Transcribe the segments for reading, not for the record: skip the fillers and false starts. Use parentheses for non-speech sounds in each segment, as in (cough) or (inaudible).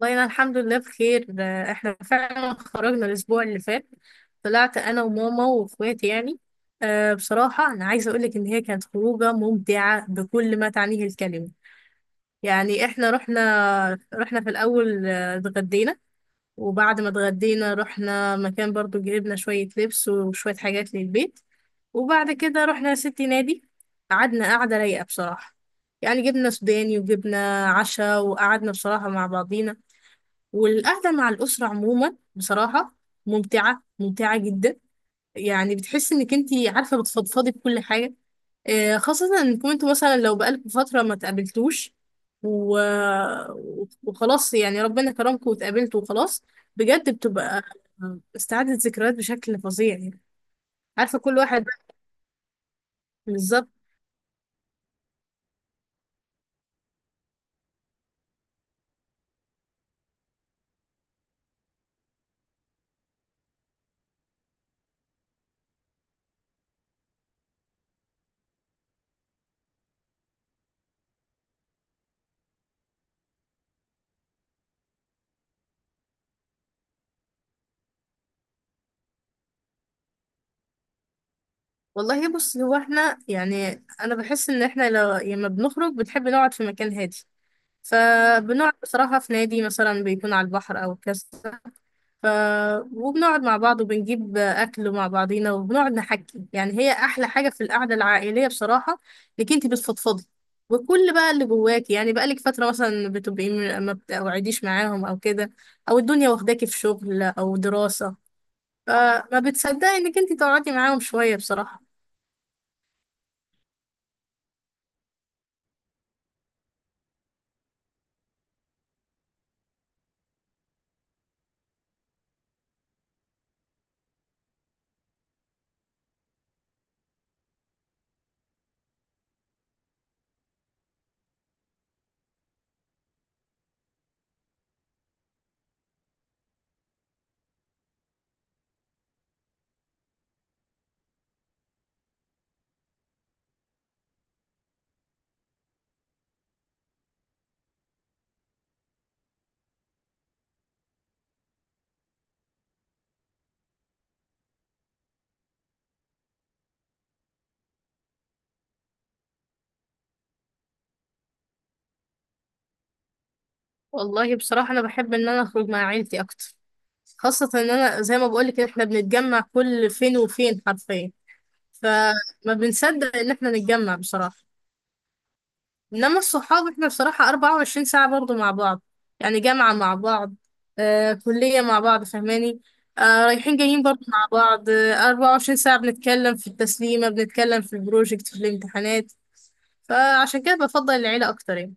والله أنا الحمد لله بخير. ده احنا فعلا خرجنا الأسبوع اللي فات. طلعت أنا وماما وإخواتي يعني. بصراحة أنا عايزة أقولك إن هي كانت خروجة ممتعة بكل ما تعنيه الكلمة. يعني احنا رحنا في الأول، اتغدينا. وبعد ما اتغدينا رحنا مكان برضو، جبنا شوية لبس وشوية حاجات للبيت. وبعد كده رحنا يا ستي نادي. قعدنا قعدة رايقة بصراحة، يعني جبنا سوداني وجبنا عشاء وقعدنا بصراحة مع بعضينا. والقعدة مع الأسرة عموما بصراحة ممتعة، ممتعة جدا. يعني بتحس انك انتي عارفة بتفضفضي بكل حاجة. خاصة انكم انتوا مثلا لو بقالكم فترة ما تقابلتوش و... وخلاص يعني ربنا كرمكم واتقابلتوا وخلاص. بجد بتبقى استعادة ذكريات بشكل فظيع يعني. عارفة كل واحد. بالظبط. والله بص، هو احنا يعني انا بحس ان احنا لو لما بنخرج بنحب نقعد في مكان هادي. فبنقعد بصراحة في نادي مثلا بيكون على البحر أو كذا. ف... وبنقعد مع بعض وبنجيب أكل مع بعضينا وبنقعد نحكي. يعني هي أحلى حاجة في القعدة العائلية بصراحة إنك أنت بتفضفضي وكل بقى اللي جواكي. يعني بقالك فترة مثلا بتبقي ما بتقعديش معاهم أو كده، أو الدنيا واخداكي في شغل أو دراسة. فما بتصدقي إنك أنت تقعدي معاهم شوية بصراحة. والله بصراحة أنا بحب إن أنا أخرج مع عيلتي أكتر. خاصة إن أنا زي ما بقولك إن إحنا بنتجمع كل فين وفين حرفيا. فما بنصدق إن إحنا نتجمع بصراحة. إنما الصحاب إحنا بصراحة 24 ساعة برضو مع بعض. يعني جامعة مع بعض، كلية مع بعض فاهماني. رايحين جايين برضو مع بعض، 24 ساعة بنتكلم في التسليمة، بنتكلم في البروجكت، في الامتحانات. فعشان كده بفضل العيلة أكتر يعني.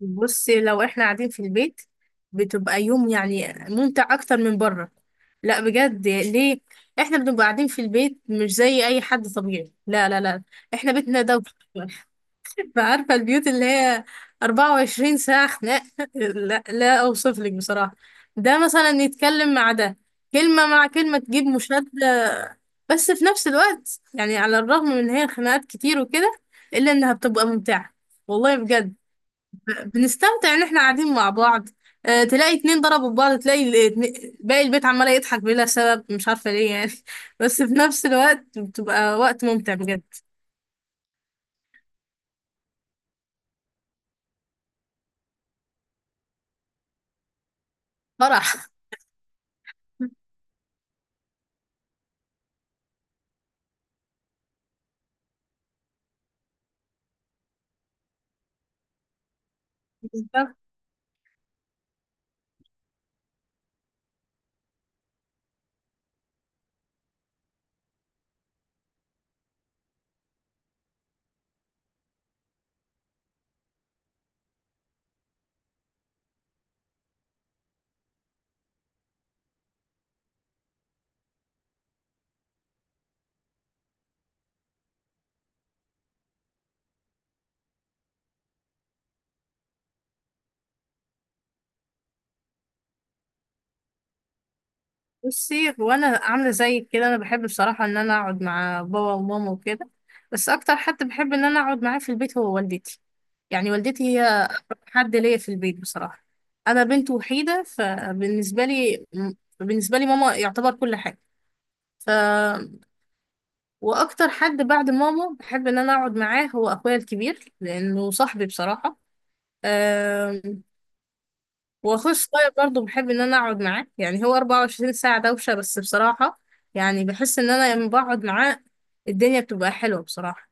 بصي لو احنا قاعدين في البيت بتبقى يوم يعني ممتع اكتر من بره. لا بجد، ليه؟ احنا بنبقى قاعدين في البيت مش زي اي حد طبيعي، لا لا لا. احنا بيتنا دوشة (laughs) عارفة البيوت اللي هي 24 ساعة خناق (laughs) لا لا، اوصف لك بصراحة. ده مثلا يتكلم مع ده، كلمة مع كلمة تجيب مشادة. بس في نفس الوقت يعني على الرغم من ان هي خناقات كتير وكده الا انها بتبقى ممتعة. والله بجد بنستمتع ان احنا قاعدين مع بعض. تلاقي اتنين ضربوا في بعض، تلاقي باقي البيت عمال يضحك بلا سبب مش عارفة ليه يعني (laughs) بس في نفس الوقت بتبقى وقت ممتع بجد. فرح. بالظبط. بصي وانا عاملة زيك كده، انا بحب بصراحة ان انا اقعد مع بابا وماما وكده. بس اكتر حد بحب ان انا اقعد معاه في البيت هو والدتي. يعني والدتي هي أقرب حد ليا في البيت بصراحة. انا بنت وحيدة. فبالنسبة لي ماما يعتبر كل حاجة. ف واكتر حد بعد ماما بحب ان انا اقعد معاه هو اخويا الكبير لانه صاحبي بصراحه. أم، واخويا الصغير برضه بحب ان انا اقعد معاه. يعني هو 24 ساعه دوشه بس بصراحه. يعني بحس ان انا لما بقعد معاه الدنيا بتبقى حلوه بصراحه.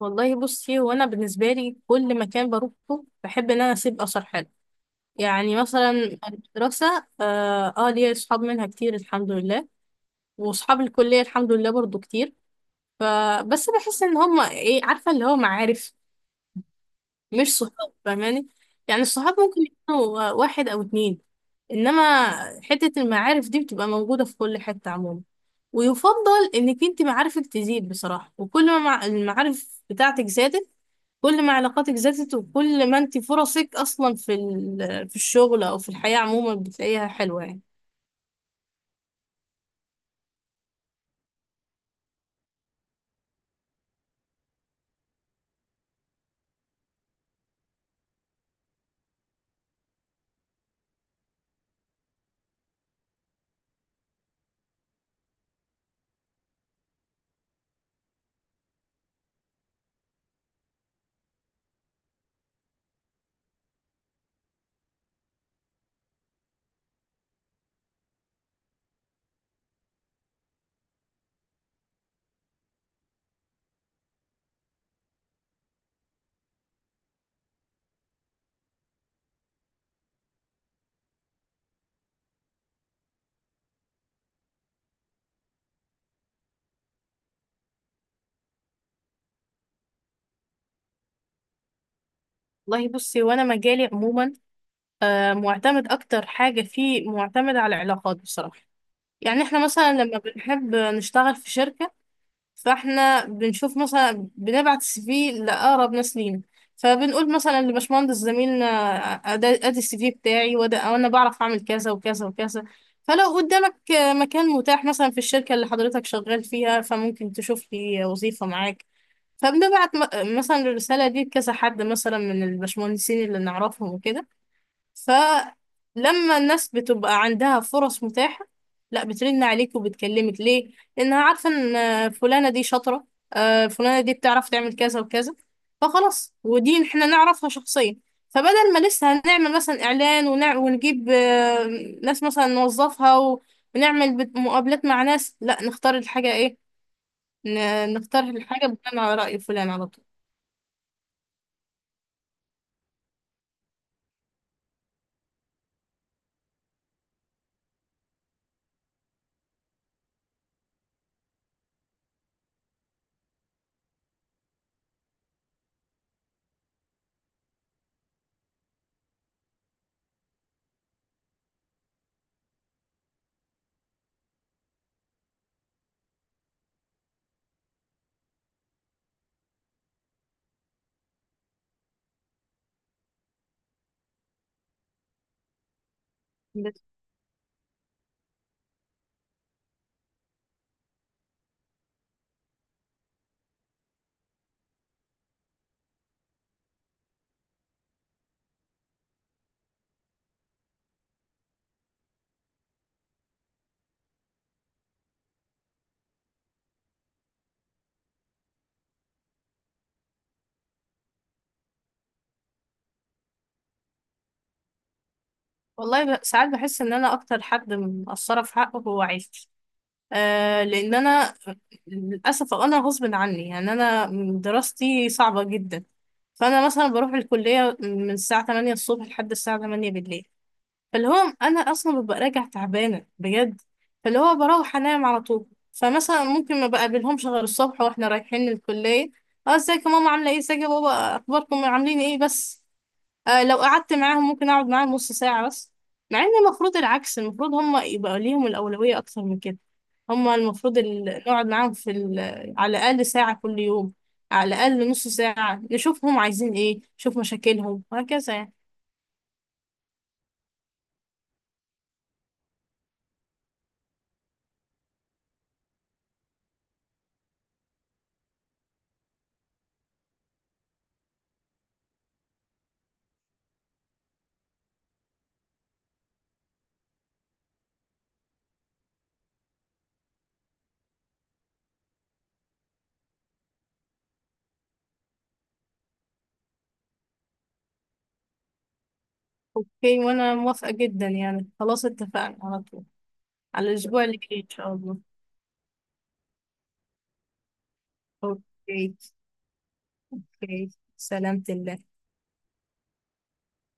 والله بصي، هو انا بالنسبه لي كل مكان بروحه بحب ان انا اسيب اثر حلو. يعني مثلا المدرسه ليا اصحاب منها كتير الحمد لله، واصحاب الكليه الحمد لله برضه كتير. فبس بحس ان هما ايه، عارفه اللي هو معارف مش صحاب فاهماني. يعني الصحاب ممكن يكونوا واحد او اتنين. انما حته المعارف دي بتبقى موجوده في كل حته عموما. ويفضل انك انت معارفك تزيد بصراحه. وكل ما المعارف بتاعتك زادت كل ما علاقاتك زادت. وكل ما انت فرصك اصلا في الشغل او في الحياه عموما بتلاقيها حلوه يعني. والله بصي، وانا مجالي عموما معتمد، اكتر حاجه فيه معتمد على العلاقات بصراحه. يعني احنا مثلا لما بنحب نشتغل في شركة فاحنا بنشوف مثلا بنبعت السي في لأقرب ناس لينا. فبنقول مثلا لباشمهندس زميلنا أدي السي في بتاعي وده، وانا بعرف اعمل كذا وكذا وكذا، فلو قدامك مكان متاح مثلا في الشركة اللي حضرتك شغال فيها فممكن تشوف لي وظيفة معاك. فبنبعت مثلا الرسالة دي لكذا حد مثلا من الباشمهندسين اللي نعرفهم وكده. فلما الناس بتبقى عندها فرص متاحة، لا بترن عليك وبتكلمك. ليه؟ لأنها عارفة إن فلانة دي شاطرة، فلانة دي بتعرف تعمل كذا وكذا. فخلاص، ودي احنا نعرفها شخصيا. فبدل ما لسه هنعمل مثلا إعلان ونجيب ناس مثلا نوظفها ونعمل مقابلات مع ناس، لا نختار الحاجة إيه؟ نختار الحاجة بناء على رأي فلان على طول. بس والله ساعات بحس إن أنا أكتر حد مقصرة في حقه هو عيلتي. لان انا للاسف انا غصب عني، يعني انا دراستي صعبه جدا. فانا مثلا بروح الكليه من الساعه 8 الصبح لحد الساعه 8 بالليل. فاللي هو انا اصلا ببقى راجع تعبانه بجد، فاللي هو بروح انام على طول. فمثلا ممكن ما بقابلهمش غير الصبح واحنا رايحين الكليه. اه ازيك يا ماما، عامله ايه، ازيك يا بابا، اخباركم عاملين ايه بس. لو قعدت معاهم ممكن اقعد معاهم نص ساعة بس. مع ان المفروض العكس، المفروض هم يبقى ليهم الأولوية اكتر من كده. هم المفروض نقعد معاهم في على الأقل ساعة كل يوم، على الأقل نص ساعة، نشوفهم عايزين ايه، نشوف مشاكلهم وهكذا يعني. اوكي، وانا موافقة جدا يعني. خلاص اتفقنا على طول على الأسبوع اللي جاي ان شاء الله. اوكي. اوكي، سلامة الله.